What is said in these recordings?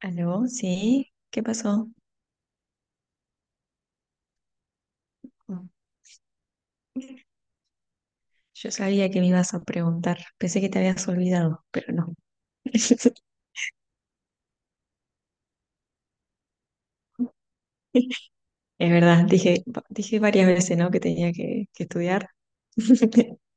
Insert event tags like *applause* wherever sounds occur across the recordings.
¿Aló? ¿Sí? ¿Qué pasó? Mm. Yo sabía que me ibas a preguntar. Pensé que te habías olvidado, pero no. *laughs* Es verdad, dije varias veces, ¿no? Que tenía que estudiar. *laughs*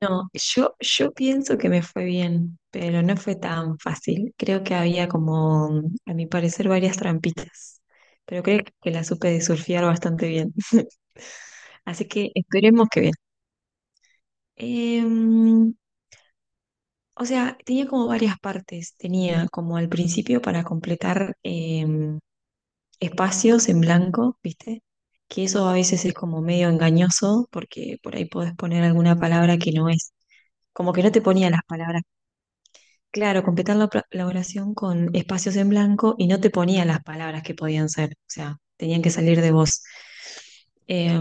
No, yo pienso que me fue bien, pero no fue tan fácil. Creo que había como, a mi parecer, varias trampitas, pero creo que la supe de surfear bastante bien. *laughs* Así que esperemos que bien. Em, O sea, tenía como varias partes. Tenía como al principio para completar espacios en blanco, ¿viste? Que eso a veces es como medio engañoso porque por ahí podés poner alguna palabra que no es. Como que no te ponía las palabras. Claro, completar la oración con espacios en blanco y no te ponía las palabras que podían ser. O sea, tenían que salir de vos. Eh,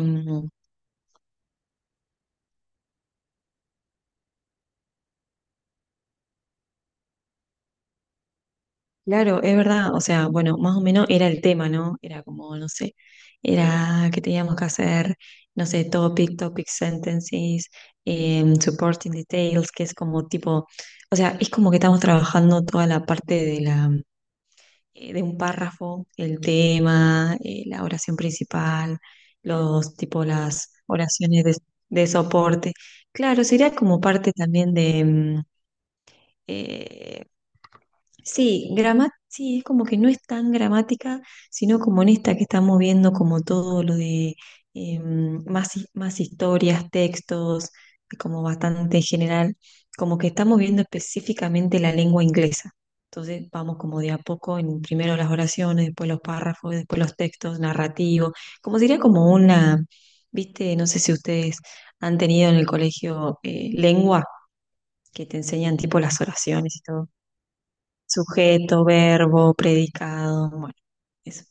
Claro, es verdad, o sea, bueno, más o menos era el tema, ¿no? Era como, no sé, era que teníamos que hacer, no sé, topic sentences, supporting details, que es como tipo, o sea, es como que estamos trabajando toda la parte de un párrafo, el tema, la oración principal, los, tipo, las oraciones de soporte. Claro, sería como parte también de, eh, sí, sí, es como que no es tan gramática, sino como en esta que estamos viendo, como todo lo de más, más historias, textos, como bastante general, como que estamos viendo específicamente la lengua inglesa. Entonces vamos como de a poco en primero las oraciones, después los párrafos, después los textos narrativos, como sería como una, viste, no sé si ustedes han tenido en el colegio lengua, que te enseñan tipo las oraciones y todo. Sujeto, verbo, predicado, bueno, eso.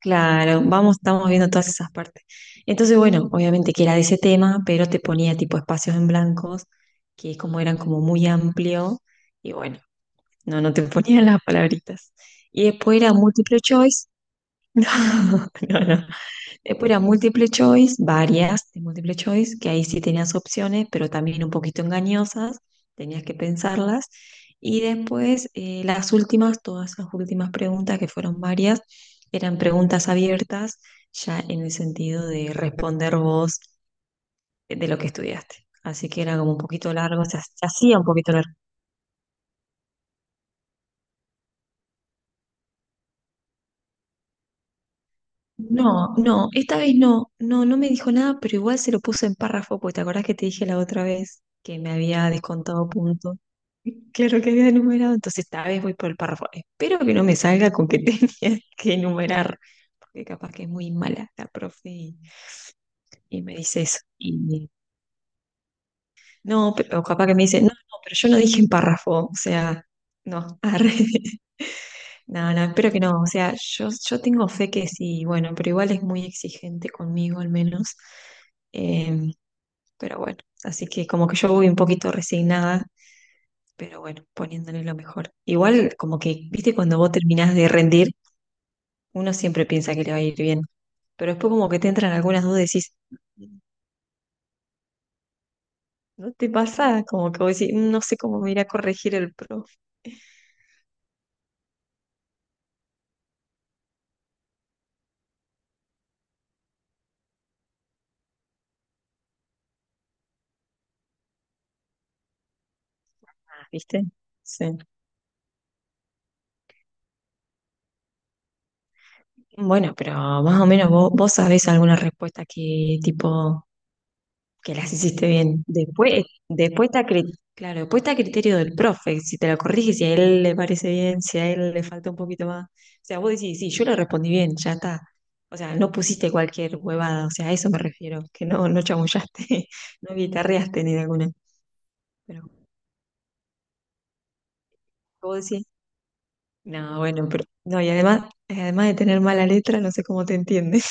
Claro, vamos, estamos viendo todas esas partes. Entonces, bueno, obviamente que era de ese tema, pero te ponía tipo espacios en blancos, que como eran como muy amplio, y bueno, no, no te *laughs* ponían las palabritas. Y después era multiple choice. *laughs* No, no, no. Después era multiple choice, varias de multiple choice, que ahí sí tenías opciones, pero también un poquito engañosas, tenías que pensarlas. Y después las últimas, todas las últimas preguntas, que fueron varias, eran preguntas abiertas, ya en el sentido de responder vos de lo que estudiaste. Así que era como un poquito largo, se hacía un poquito largo. No, no, esta vez no, no, no me dijo nada, pero igual se lo puso en párrafo, porque te acordás que te dije la otra vez que me había descontado puntos. Claro que había enumerado, entonces esta vez voy por el párrafo. Espero que no me salga con que *laughs* tenía que enumerar, porque capaz que es muy mala la profe y me dice eso. Y, no, pero o capaz que me dice, no, no, pero yo no dije en párrafo, o sea, no, *laughs* arre. No, no, espero que no, o sea, yo tengo fe que sí, bueno, pero igual es muy exigente conmigo al menos. Em, pero bueno, así que como que yo voy un poquito resignada pero bueno, poniéndole lo mejor. Igual, como que, viste, cuando vos terminás de rendir, uno siempre piensa que le va a ir bien, pero después como que te entran algunas dudas y decís, "Mm, ¿no te pasa?" Como que vos decís, "Mm, no sé cómo me irá a corregir el profe". Ah, ¿viste? Sí. Bueno, pero más o menos vos sabés alguna respuesta que tipo que las hiciste bien. Después está, claro, después está a criterio del profe, si te la corrige, si a él le parece bien, si a él le falta un poquito más. O sea, vos decís, sí, yo le respondí bien, ya está. O sea, no pusiste cualquier huevada, o sea, a eso me refiero, que no, no chamullaste, *laughs* no guitarreaste ni de alguna. Pero vos decís, no, bueno, pero no, y además de tener mala letra, no sé cómo te entiendes.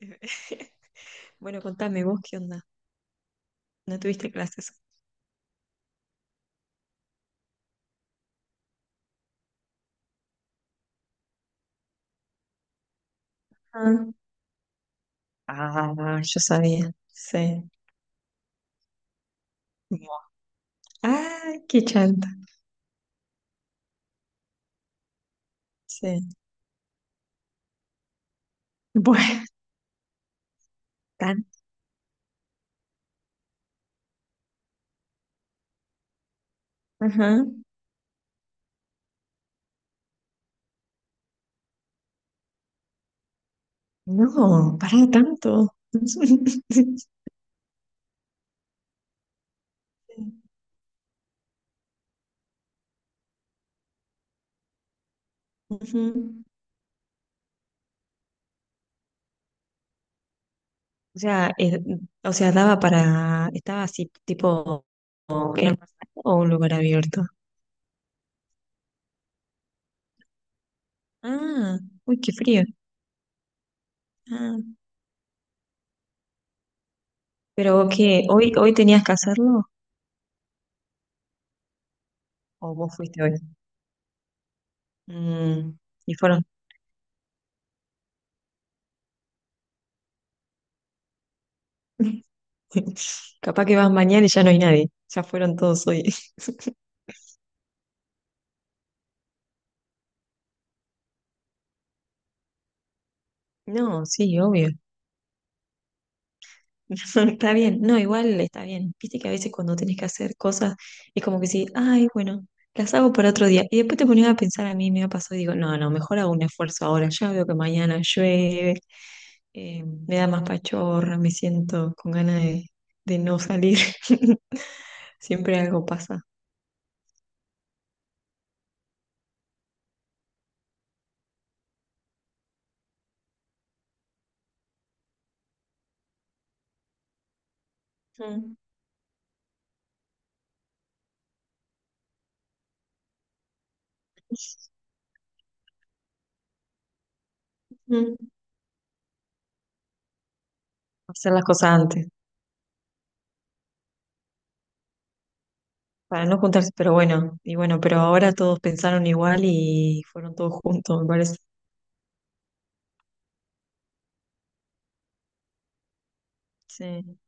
*laughs* Bueno, contame vos qué onda. ¿No tuviste clases? Ah. Ah, yo sabía, sí. Ah, qué chanta, sí. *laughs* Bueno, tan, ajá. No, para tanto. *laughs* Sí. Ujú. O sea, eh, o sea, daba para, estaba así, tipo, ¿era un pasaje o un lugar abierto? Ah, uy, qué frío. Ah, pero ¿qué? ¿Hoy tenías que hacerlo? ¿O vos fuiste hoy? Mm, y fueron. *laughs* *laughs* Capaz que vas mañana y ya no hay nadie. Ya fueron todos hoy. *laughs* No, sí, obvio. *laughs* Está bien. No, igual está bien. Viste que a veces cuando tenés que hacer cosas es como que sí, ay, bueno, las hago para otro día. Y después te ponías a pensar a mí, me ha pasado y digo, no, no, mejor hago un esfuerzo ahora. Ya veo que mañana llueve, me da más pachorra, me siento con ganas de no salir. *laughs* Siempre algo pasa. Mm. *laughs* Mm. Hacer las cosas antes. Para no juntarse, pero bueno, y bueno, pero ahora todos pensaron igual y fueron todos juntos, me parece. Sí.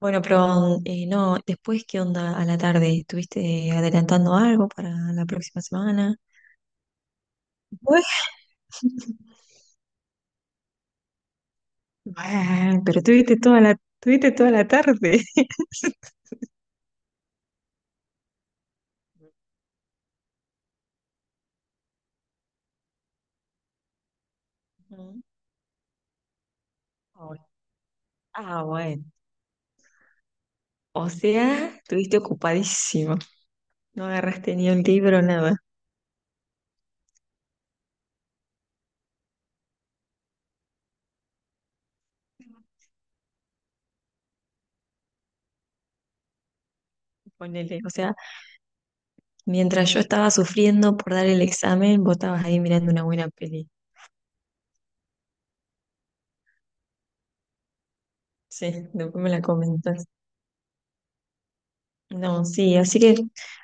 Bueno, pero no, después, ¿qué onda a la tarde? ¿Estuviste adelantando algo para la próxima semana? Bueno, *laughs* bueno, pero tuviste toda la tarde. *laughs* Ujú. Ah, bueno. Ah, bueno. O sea, estuviste ocupadísimo. No agarraste ni un libro, nada. Ponele. O sea, mientras yo estaba sufriendo por dar el examen, vos estabas ahí mirando una buena peli. Sí, después me la comentas. No, sí,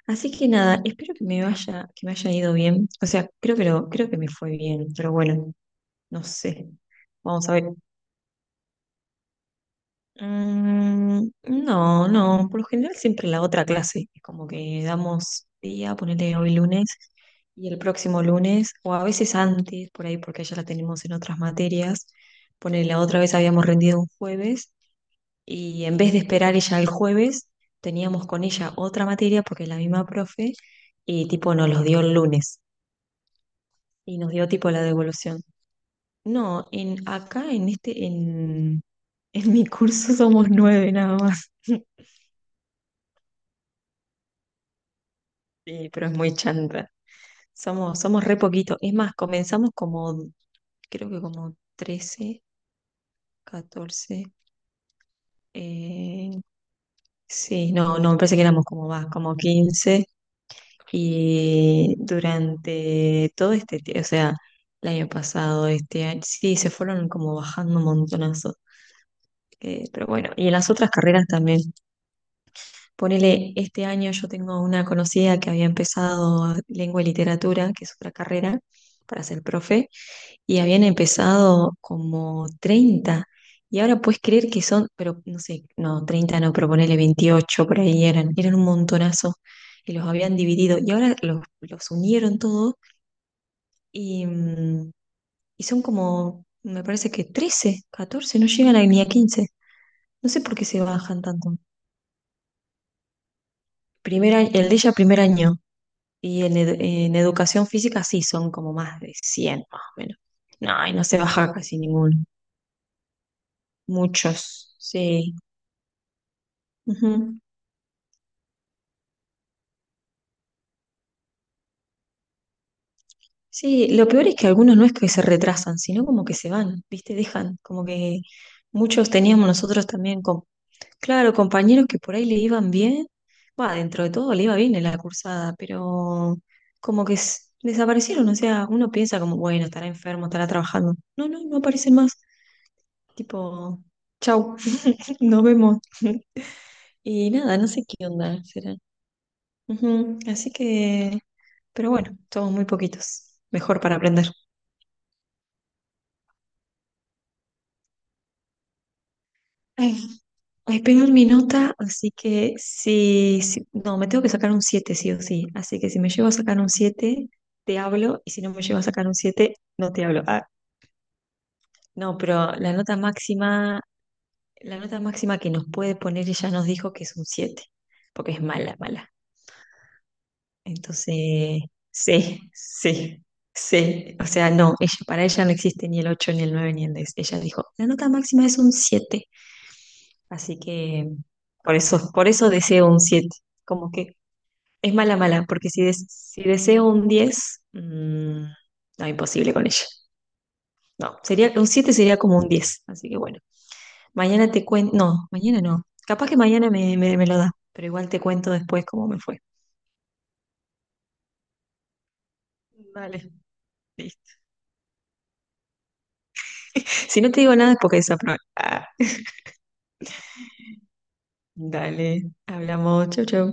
así que nada, espero que me vaya, que me haya ido bien. O sea, creo que me fue bien, pero bueno, no sé. Vamos a ver. No, no, por lo general siempre la otra clase, es como que damos día, ponele hoy lunes y el próximo lunes, o a veces antes, por ahí porque ya la tenemos en otras materias, ponele la otra vez habíamos rendido un jueves y en vez de esperar ella el jueves, teníamos con ella otra materia porque es la misma profe y tipo nos los dio el lunes y nos dio tipo la devolución. No, en acá en este, en mi curso somos nueve nada más. *laughs* Sí, pero es muy chanta. Somos re poquito. Es más, comenzamos como, creo que como 13, 14. eh, sí, no, no, me parece que éramos como más, como 15. Y durante todo este, o sea, el año pasado, este año, sí, se fueron como bajando un montonazo. Pero bueno, y en las otras carreras también. Ponele, este año yo tengo una conocida que había empezado lengua y literatura, que es otra carrera para ser profe, y habían empezado como 30. Y ahora puedes creer que son, pero no sé, no, 30 no, pero ponele 28, por ahí eran, eran un montonazo y los habían dividido. Y ahora los unieron todos y, y son como, me parece que 13, 14 no llegan a, ni a 15. No sé por qué se bajan tanto. Primer, el de ella primer año, y en, en educación física sí, son como más de 100 más o menos. No, y no se baja casi ninguno. Muchos, sí. Ujú. Sí, lo peor es que algunos no es que se retrasan, sino como que se van, ¿viste? Dejan, como que muchos teníamos nosotros también, con, claro, compañeros que por ahí le iban bien, va, dentro de todo le iba bien en la cursada, pero como que desaparecieron, o sea, uno piensa como, bueno, estará enfermo, estará trabajando. No, no, no aparecen más. Tipo, chau, *laughs* nos vemos. Y nada, no sé qué onda será. Ujú, así que, pero bueno, somos muy poquitos. Mejor para aprender. Ay, ay, pegué mi nota, así que sí, no, me tengo que sacar un 7, sí o sí. Así que si me llevo a sacar un 7 te hablo, y si no me llevo a sacar un 7 no te hablo. Ah, no, pero la nota máxima que nos puede poner ella nos dijo que es un 7, porque es mala, mala. Entonces, sí, sí, sí. O sea, no, ella, para ella no existe ni el 8 ni el 9 ni el 10. Ella dijo, la nota máxima es un siete. Así que por eso deseo un 7. Como que es mala, mala, porque si, si deseo un 10 no, imposible con ella. No, sería, un 7 sería como un 10. Así que bueno, mañana te cuento. No, mañana no. Capaz que mañana me lo da, pero igual te cuento después cómo me fue. Vale listo. Si no te digo nada es porque desaprobé. Dale, hablamos, chau, chau.